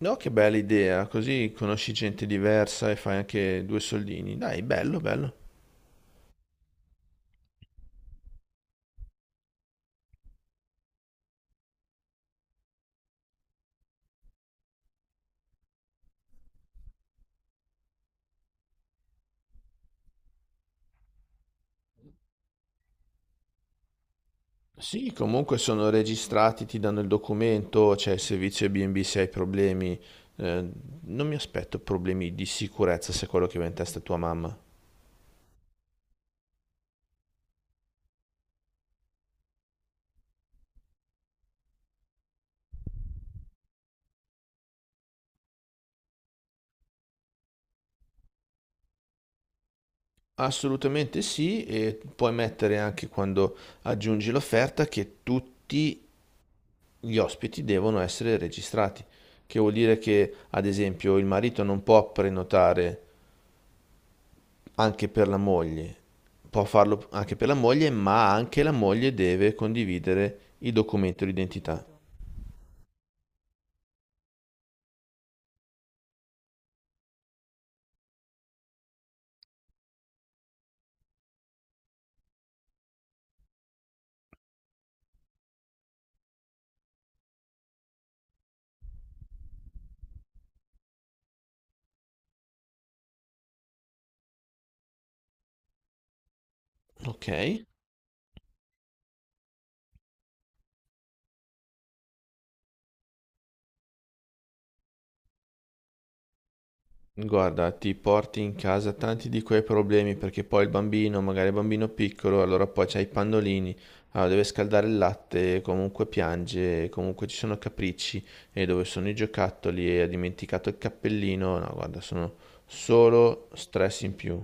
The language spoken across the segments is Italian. No, che bella idea, così conosci gente diversa e fai anche due soldini. Dai, bello, bello. Sì, comunque sono registrati, ti danno il documento, c'è il servizio B&B se hai problemi. Eh, non mi aspetto problemi di sicurezza se è quello che va in testa a tua mamma. Assolutamente sì, e puoi mettere anche quando aggiungi l'offerta che tutti gli ospiti devono essere registrati, che vuol dire che, ad esempio, il marito non può prenotare anche per la moglie. Può farlo anche per la moglie, ma anche la moglie deve condividere il documento d'identità. Ok. Guarda, ti porti in casa tanti di quei problemi perché poi il bambino, magari il bambino piccolo, allora poi c'hai i pannolini, allora deve scaldare il latte, comunque piange, comunque ci sono capricci e dove sono i giocattoli e ha dimenticato il cappellino. No, guarda, sono solo stress in più.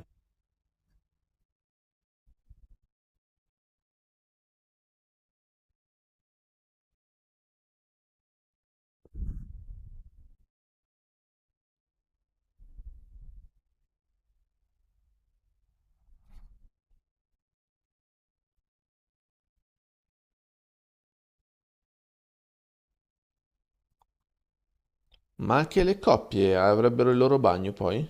Ma anche le coppie avrebbero il loro bagno poi?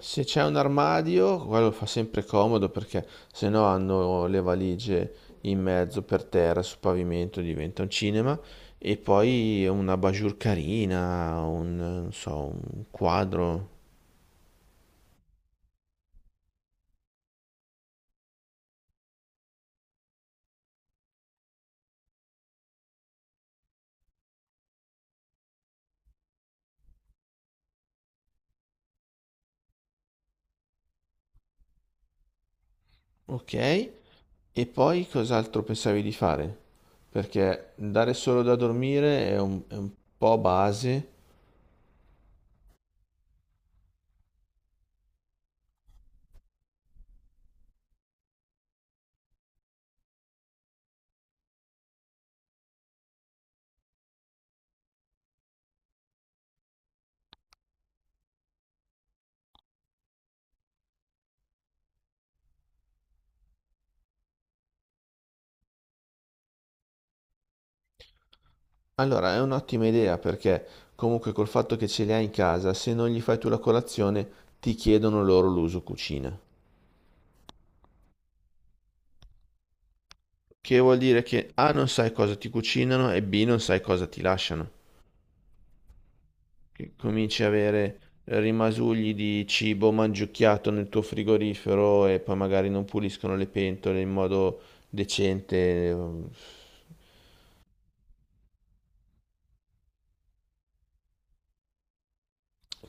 Se c'è un armadio, quello fa sempre comodo perché se no hanno le valigie in mezzo per terra, sul pavimento, diventa un cinema. E poi una bajour carina, un, non so, un quadro. Ok. E poi cos'altro pensavi di fare? Perché dare solo da dormire è un po' base. Allora, è un'ottima idea perché comunque col fatto che ce li hai in casa, se non gli fai tu la colazione, ti chiedono loro l'uso cucina. Che vuol dire che A non sai cosa ti cucinano e B non sai cosa ti lasciano. Che cominci a avere rimasugli di cibo mangiucchiato nel tuo frigorifero e poi magari non puliscono le pentole in modo decente.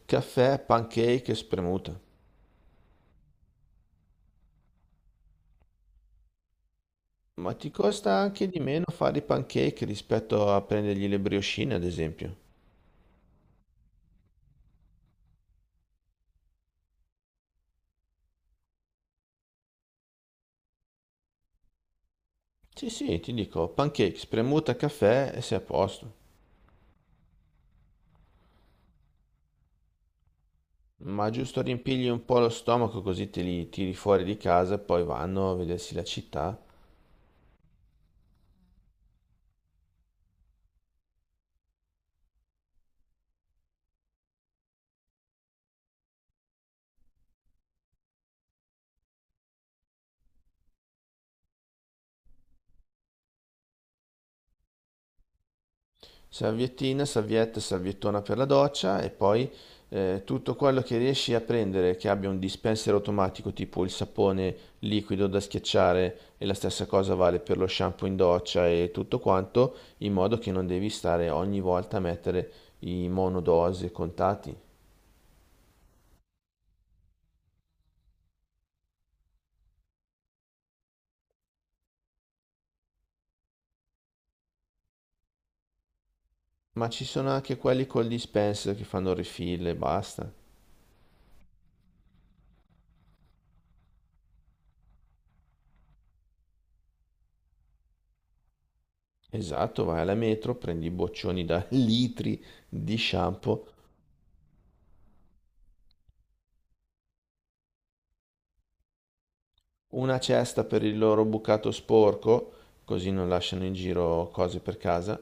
Caffè, pancake e spremuta. Ma ti costa anche di meno fare i pancake rispetto a prendergli le briochine, ad esempio. Sì, sì, ti dico, pancake, spremuta, caffè e sei a posto. Ma giusto riempirgli un po' lo stomaco così te li tiri fuori di casa e poi vanno a vedersi la città. Salviettina, salvietta, salviettona per la doccia e poi tutto quello che riesci a prendere che abbia un dispenser automatico tipo il sapone liquido da schiacciare e la stessa cosa vale per lo shampoo in doccia e tutto quanto, in modo che non devi stare ogni volta a mettere i monodose contati. Ma ci sono anche quelli col dispenser che fanno refill e basta. Esatto, vai alla metro, prendi i boccioni da litri di shampoo, una cesta per il loro bucato sporco, così non lasciano in giro cose per casa.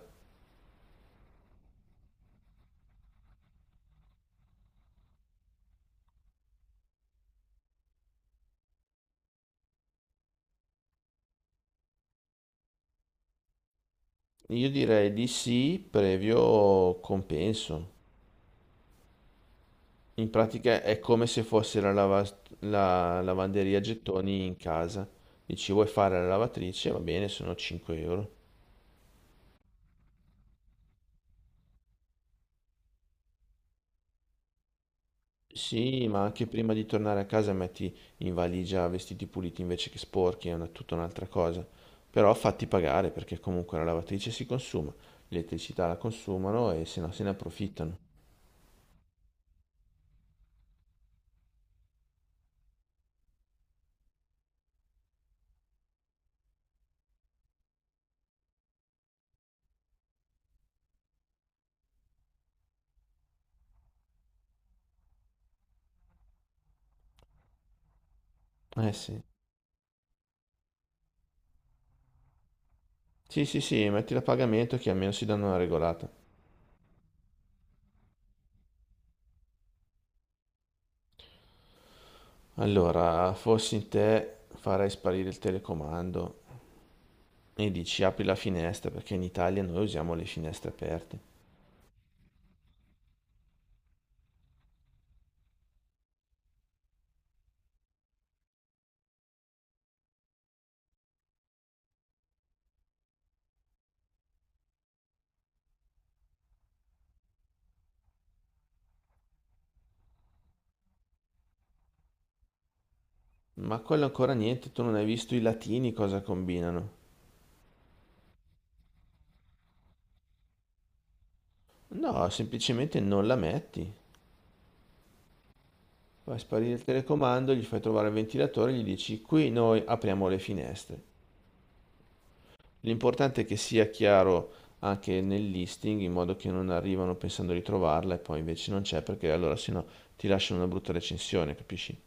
Io direi di sì, previo compenso. In pratica è come se fosse la, la lavanderia a gettoni in casa. Dici, vuoi fare la lavatrice? Va bene, sono 5 euro. Sì, ma anche prima di tornare a casa metti in valigia vestiti puliti invece che sporchi, è una, tutta un'altra cosa. Però fatti pagare perché comunque la lavatrice si consuma, l'elettricità la consumano e se no se ne approfittano. Eh sì. Sì, sì, sì, mettila a pagamento che almeno si danno una regolata. Allora, fossi in te, farei sparire il telecomando e dici apri la finestra perché in Italia noi usiamo le finestre aperte. Ma quello ancora niente, tu non hai visto i latini cosa combinano. No, semplicemente non la metti. Fai sparire il telecomando, gli fai trovare il ventilatore, gli dici qui noi apriamo le finestre. L'importante è che sia chiaro anche nel listing, in modo che non arrivano pensando di trovarla e poi invece non c'è, perché allora sennò ti lasciano una brutta recensione, capisci?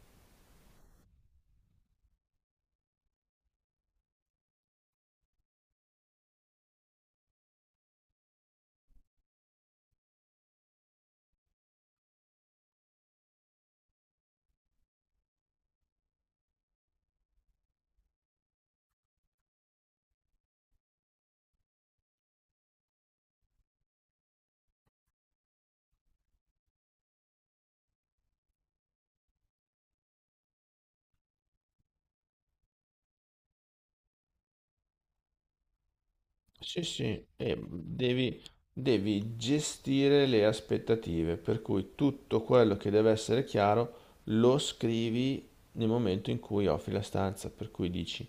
Sì, sì, e devi gestire le aspettative, per cui tutto quello che deve essere chiaro lo scrivi nel momento in cui offri la stanza, per cui dici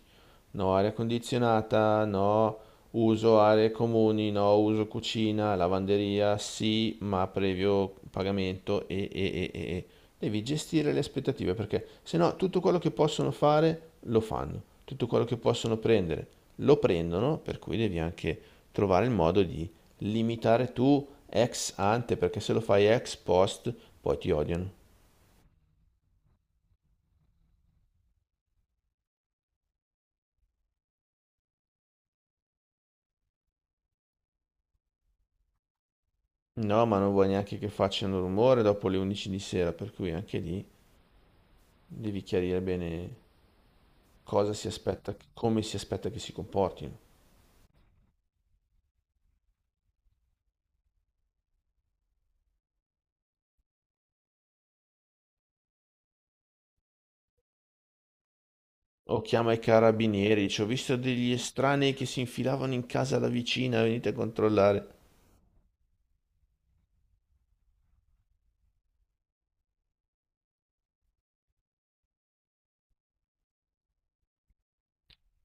no aria condizionata, no. Uso aree comuni, no. Uso cucina, lavanderia, sì, ma previo pagamento e. Devi gestire le aspettative perché se no tutto quello che possono fare lo fanno, tutto quello che possono prendere lo prendono, per cui devi anche trovare il modo di limitare tu ex ante perché se lo fai ex post poi ti odiano. No, ma non vuoi neanche che facciano rumore dopo le 11 di sera, per cui anche lì devi chiarire bene cosa si aspetta, come si aspetta che si comportino. O chiama i carabinieri, dice, ho visto degli estranei che si infilavano in casa da vicina, venite a controllare.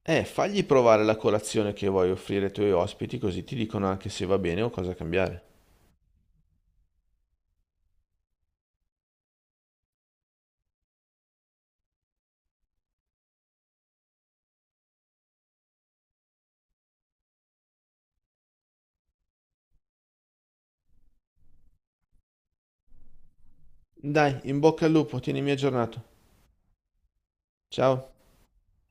Fagli provare la colazione che vuoi offrire ai tuoi ospiti, così ti dicono anche se va bene o cosa cambiare. Dai, in bocca al lupo, tienimi aggiornato. Ciao.